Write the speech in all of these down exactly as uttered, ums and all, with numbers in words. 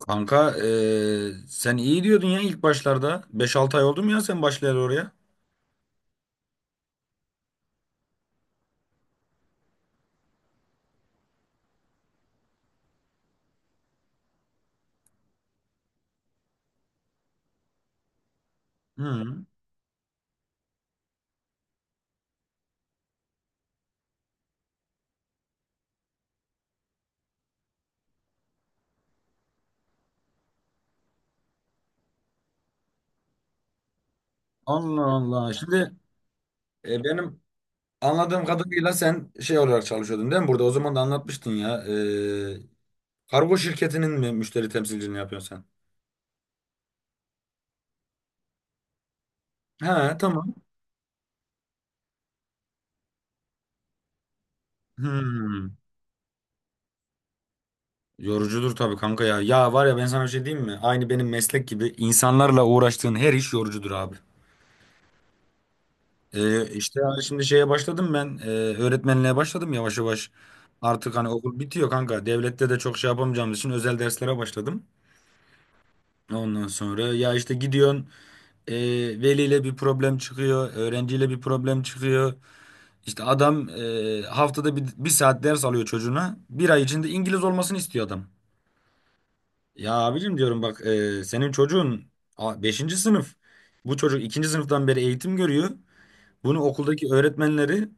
Kanka eee, sen iyi diyordun ya ilk başlarda. beş altı ay oldu mu ya sen başlayalı oraya? Hı. Allah Allah. Şimdi e, benim anladığım kadarıyla sen şey olarak çalışıyordun değil mi? Burada o zaman da anlatmıştın ya. Eee, kargo şirketinin mi müşteri temsilciliğini yapıyorsun sen? He, tamam. Hmm. Yorucudur tabii kanka ya. Ya var ya, ben sana bir şey diyeyim mi? Aynı benim meslek gibi, insanlarla uğraştığın her iş yorucudur abi. Ee, işte hani şimdi şeye başladım ben, e, öğretmenliğe başladım yavaş yavaş. Artık hani okul bitiyor kanka. Devlette de çok şey yapamayacağımız için özel derslere başladım. Ondan sonra ya işte gidiyorsun, e, veliyle bir problem çıkıyor. Öğrenciyle bir problem çıkıyor. İşte adam, e, haftada bir, bir saat ders alıyor çocuğuna. Bir ay içinde İngiliz olmasını istiyor adam. Ya abicim diyorum bak, e, senin çocuğun beşinci sınıf. Bu çocuk ikinci sınıftan beri eğitim görüyor. Bunu okuldaki öğretmenleri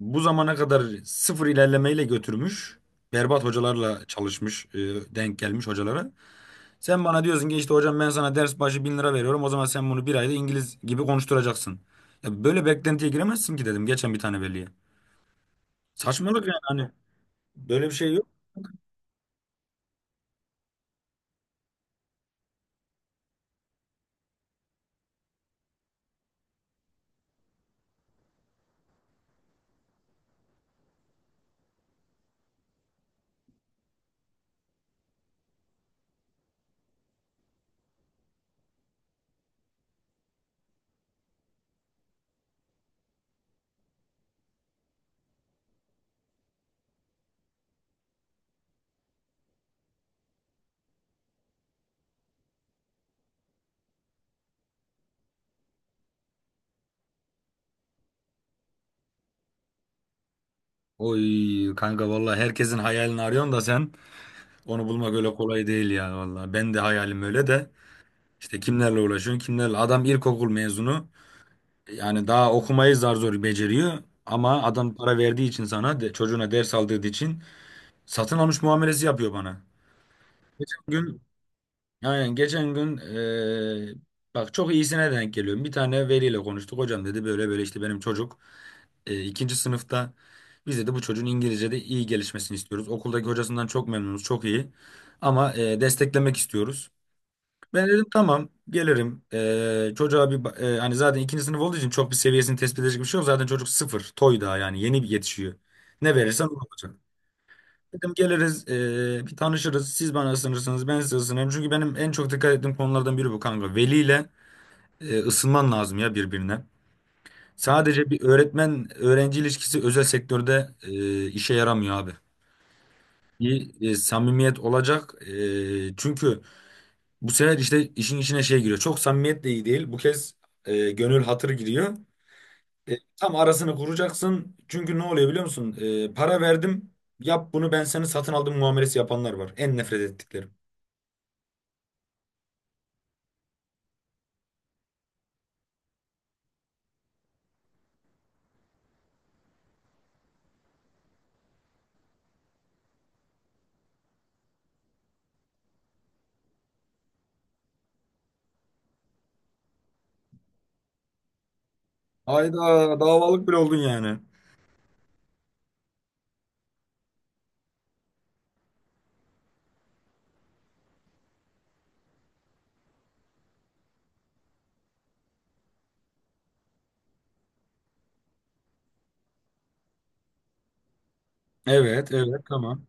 bu zamana kadar sıfır ilerlemeyle götürmüş. Berbat hocalarla çalışmış, e, denk gelmiş hocalara. Sen bana diyorsun ki işte hocam, ben sana ders başı bin lira veriyorum. O zaman sen bunu bir ayda İngiliz gibi konuşturacaksın. Ya böyle beklentiye giremezsin ki dedim geçen bir tane veliye. Saçmalık yani, hani böyle bir şey yok. Oy kanka, vallahi herkesin hayalini arıyorsun da sen, onu bulmak öyle kolay değil ya vallahi. Ben de hayalim öyle de işte kimlerle uğraşıyorsun, kimlerle. Adam ilkokul mezunu. Yani daha okumayı zar zor beceriyor, ama adam para verdiği için sana de, çocuğuna ders aldırdığı için satın almış muamelesi yapıyor bana. Gün, yani geçen gün, eee, bak çok iyisine denk geliyorum. Bir tane veliyle konuştuk. Hocam dedi, böyle böyle işte benim çocuk, eee, ikinci sınıfta, biz dedi bu çocuğun İngilizce'de iyi gelişmesini istiyoruz. Okuldaki hocasından çok memnunuz, çok iyi ama eee, desteklemek istiyoruz. Ben dedim tamam, gelirim. Ee, çocuğa bir ba- e, hani zaten ikinci sınıf olduğu için çok bir seviyesini tespit edecek bir şey yok. Zaten çocuk sıfır. Toy daha yani, yeni bir yetişiyor. Ne verirsen o olacak. Dedim geliriz, e, bir tanışırız. Siz bana ısınırsınız, ben size ısınırım. Çünkü benim en çok dikkat ettiğim konulardan biri bu kanka. Veliyle e, ısınman lazım ya birbirine. Sadece bir öğretmen öğrenci ilişkisi özel sektörde e, işe yaramıyor abi. Bir e, samimiyet olacak. E, çünkü bu sefer işte işin içine şey giriyor. Çok samimiyet de iyi değil. Bu kez e, gönül hatır giriyor. E, tam arasını kuracaksın. Çünkü ne oluyor biliyor musun? E, para verdim. Yap bunu, ben seni satın aldım muamelesi yapanlar var. En nefret ettiklerim. Hayda, davalık bile oldun yani. Evet, evet, tamam.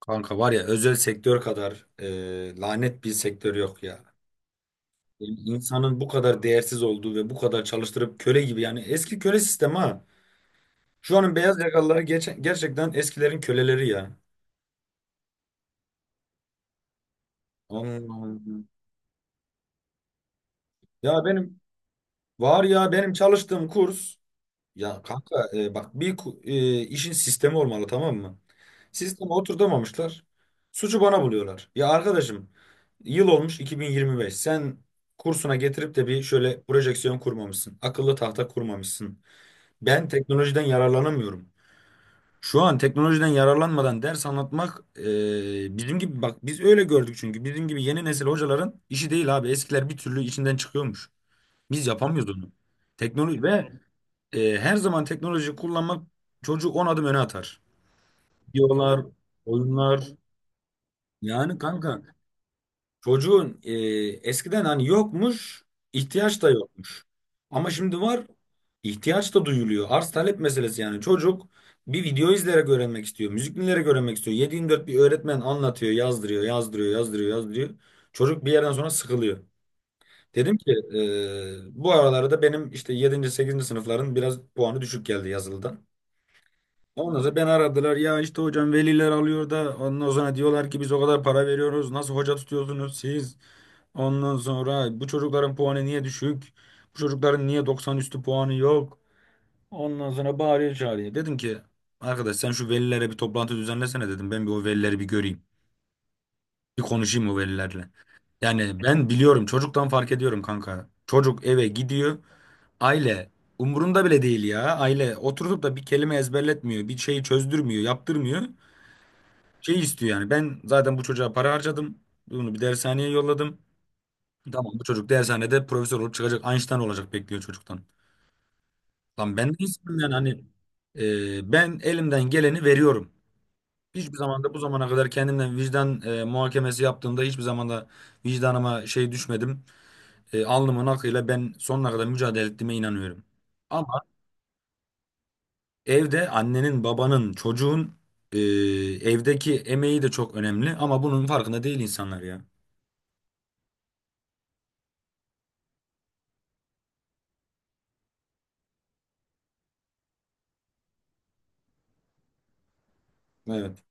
Kanka var ya, özel sektör kadar e, lanet bir sektör yok ya. Yani İnsanın bu kadar değersiz olduğu ve bu kadar çalıştırıp köle gibi, yani eski köle sistemi ha. Şu anın beyaz yakalıları geç- gerçekten eskilerin köleleri ya. Anladım. Ya benim var ya benim çalıştığım kurs ya kanka, e, bak bir ku- e, işin sistemi olmalı, tamam mı? Sisteme oturtamamışlar. Suçu bana buluyorlar. Ya arkadaşım, yıl olmuş iki bin yirmi beş. Sen kursuna getirip de bir şöyle projeksiyon kurmamışsın. Akıllı tahta kurmamışsın. Ben teknolojiden yararlanamıyorum. Şu an teknolojiden yararlanmadan ders anlatmak, e, bizim gibi bak, biz öyle gördük çünkü, bizim gibi yeni nesil hocaların işi değil abi. Eskiler bir türlü içinden çıkıyormuş. Biz yapamıyoruz onu. Teknoloji ve e, her zaman teknoloji kullanmak çocuğu on adım öne atar. Videolar, oyunlar. Yani kanka, çocuğun e, eskiden hani yokmuş, ihtiyaç da yokmuş. Ama şimdi var, ihtiyaç da duyuluyor. Arz talep meselesi yani. Çocuk bir video izleyerek öğrenmek istiyor, müzik dinleyerek öğrenmek istiyor. Yedi yirmi dört bir öğretmen anlatıyor, yazdırıyor, yazdırıyor, yazdırıyor, yazdırıyor. Çocuk bir yerden sonra sıkılıyor. Dedim ki e, bu aralarda benim işte yedinci sekizinci sınıfların biraz puanı düşük geldi yazılıdan. Ondan sonra beni aradılar ya işte hocam, veliler alıyor da ondan sonra diyorlar ki biz o kadar para veriyoruz, nasıl hoca tutuyorsunuz siz? Ondan sonra bu çocukların puanı niye düşük? Bu çocukların niye doksan üstü puanı yok? Ondan sonra bağırıyor çağırıyor. Dedim ki arkadaş, sen şu velilere bir toplantı düzenlesene dedim, ben bir o velileri bir göreyim. Bir konuşayım o velilerle. Yani ben biliyorum, çocuktan fark ediyorum kanka. Çocuk eve gidiyor. Aile umurunda bile değil ya. Aile oturup da bir kelime ezberletmiyor, bir şeyi çözdürmüyor, yaptırmıyor. Şey istiyor yani. Ben zaten bu çocuğa para harcadım. Bunu bir dershaneye yolladım. Tamam, bu çocuk dershanede profesör olup çıkacak, Einstein olacak bekliyor çocuktan. Lan ben de istiyorum yani, hani e, ben elimden geleni veriyorum. Hiçbir zaman da bu zamana kadar kendimden vicdan e, muhakemesi yaptığımda, hiçbir zaman da vicdanıma şey düşmedim. E, alnımın akıyla ben sonuna kadar mücadele ettiğime inanıyorum. Ama evde annenin, babanın, çocuğun e, evdeki emeği de çok önemli, ama bunun farkında değil insanlar ya. Evet.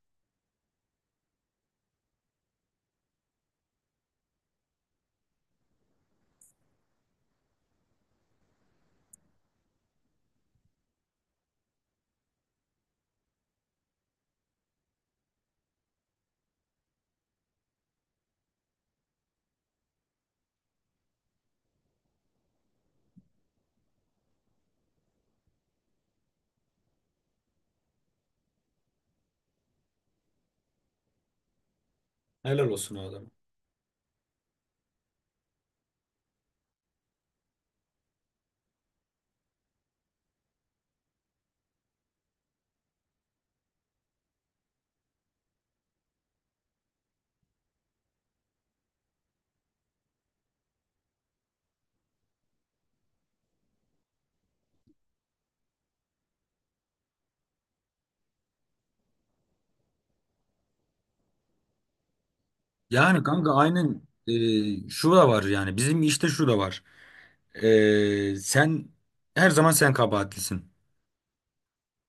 Helal olsun o adama. Yani kanka aynen, e, şu da var yani, bizim işte şu da var. E, sen her zaman sen kabahatlisin.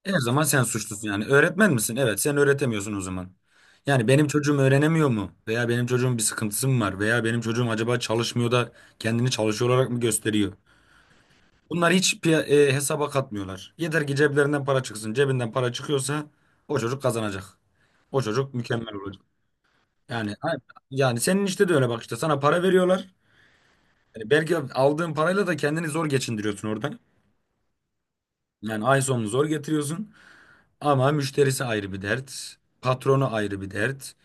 Her zaman sen suçlusun yani. Öğretmen misin? Evet, sen öğretemiyorsun o zaman. Yani benim çocuğum öğrenemiyor mu? Veya benim çocuğum bir sıkıntısı mı var? Veya benim çocuğum acaba çalışmıyor da kendini çalışıyor olarak mı gösteriyor? Bunlar hiç piya- e, hesaba katmıyorlar. Yeter ki ceplerinden para çıksın. Cebinden para çıkıyorsa o çocuk kazanacak. O çocuk mükemmel olacak. Yani yani senin işte de öyle, bak işte sana para veriyorlar. Yani belki aldığın parayla da kendini zor geçindiriyorsun orada. Yani ay sonunu zor getiriyorsun. Ama müşterisi ayrı bir dert. Patronu ayrı bir dert.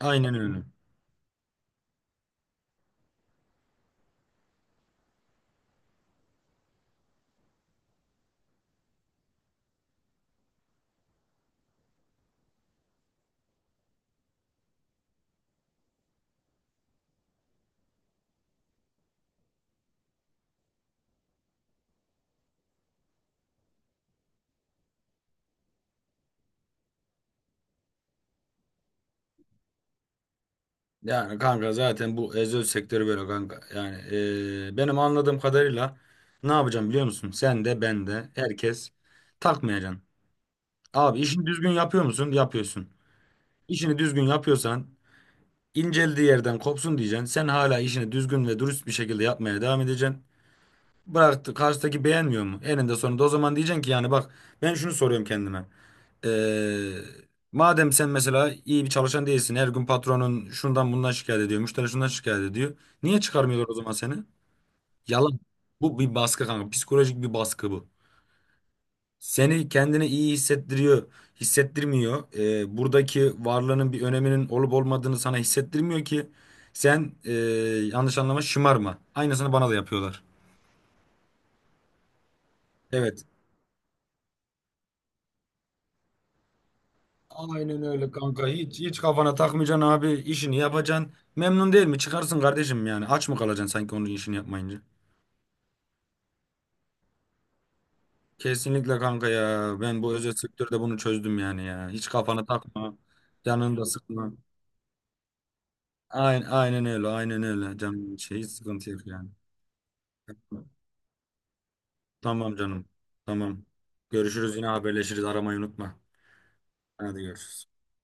Aynen öyle. Yani kanka zaten bu özel sektörü böyle kanka. Yani e, benim anladığım kadarıyla ne yapacağım biliyor musun? Sen de, ben de, herkes takmayacaksın. Abi işini düzgün yapıyor musun? Yapıyorsun. İşini düzgün yapıyorsan inceldiği yerden kopsun diyeceksin. Sen hala işini düzgün ve dürüst bir şekilde yapmaya devam edeceksin. Bıraktı, karşıdaki beğenmiyor mu? Eninde sonunda o zaman diyeceksin ki, yani bak, ben şunu soruyorum kendime. Ee, Madem sen mesela iyi bir çalışan değilsin. Her gün patronun şundan bundan şikayet ediyor. Müşteri şundan şikayet ediyor. Niye çıkarmıyorlar o zaman seni? Yalan. Bu bir baskı kanka. Psikolojik bir baskı bu. Seni kendini iyi hissettiriyor, hissettirmiyor. Ee, buradaki varlığının bir öneminin olup olmadığını sana hissettirmiyor ki sen, ee, yanlış anlama, şımarma. Aynısını bana da yapıyorlar. Evet. Aynen öyle kanka. Hiç hiç kafana takmayacaksın abi. İşini yapacaksın. Memnun değil mi? Çıkarsın kardeşim yani. Aç mı kalacaksın sanki onun işini yapmayınca? Kesinlikle kanka ya. Ben bu özel sektörde bunu çözdüm yani ya. Hiç kafana takma. Canını da sıkma. Aynen, aynen öyle. Aynen öyle. Canım şey, hiç sıkıntı yok yani. Tamam canım. Tamam. Görüşürüz, yine haberleşiriz. Aramayı unutma. Hadi görüşürüz.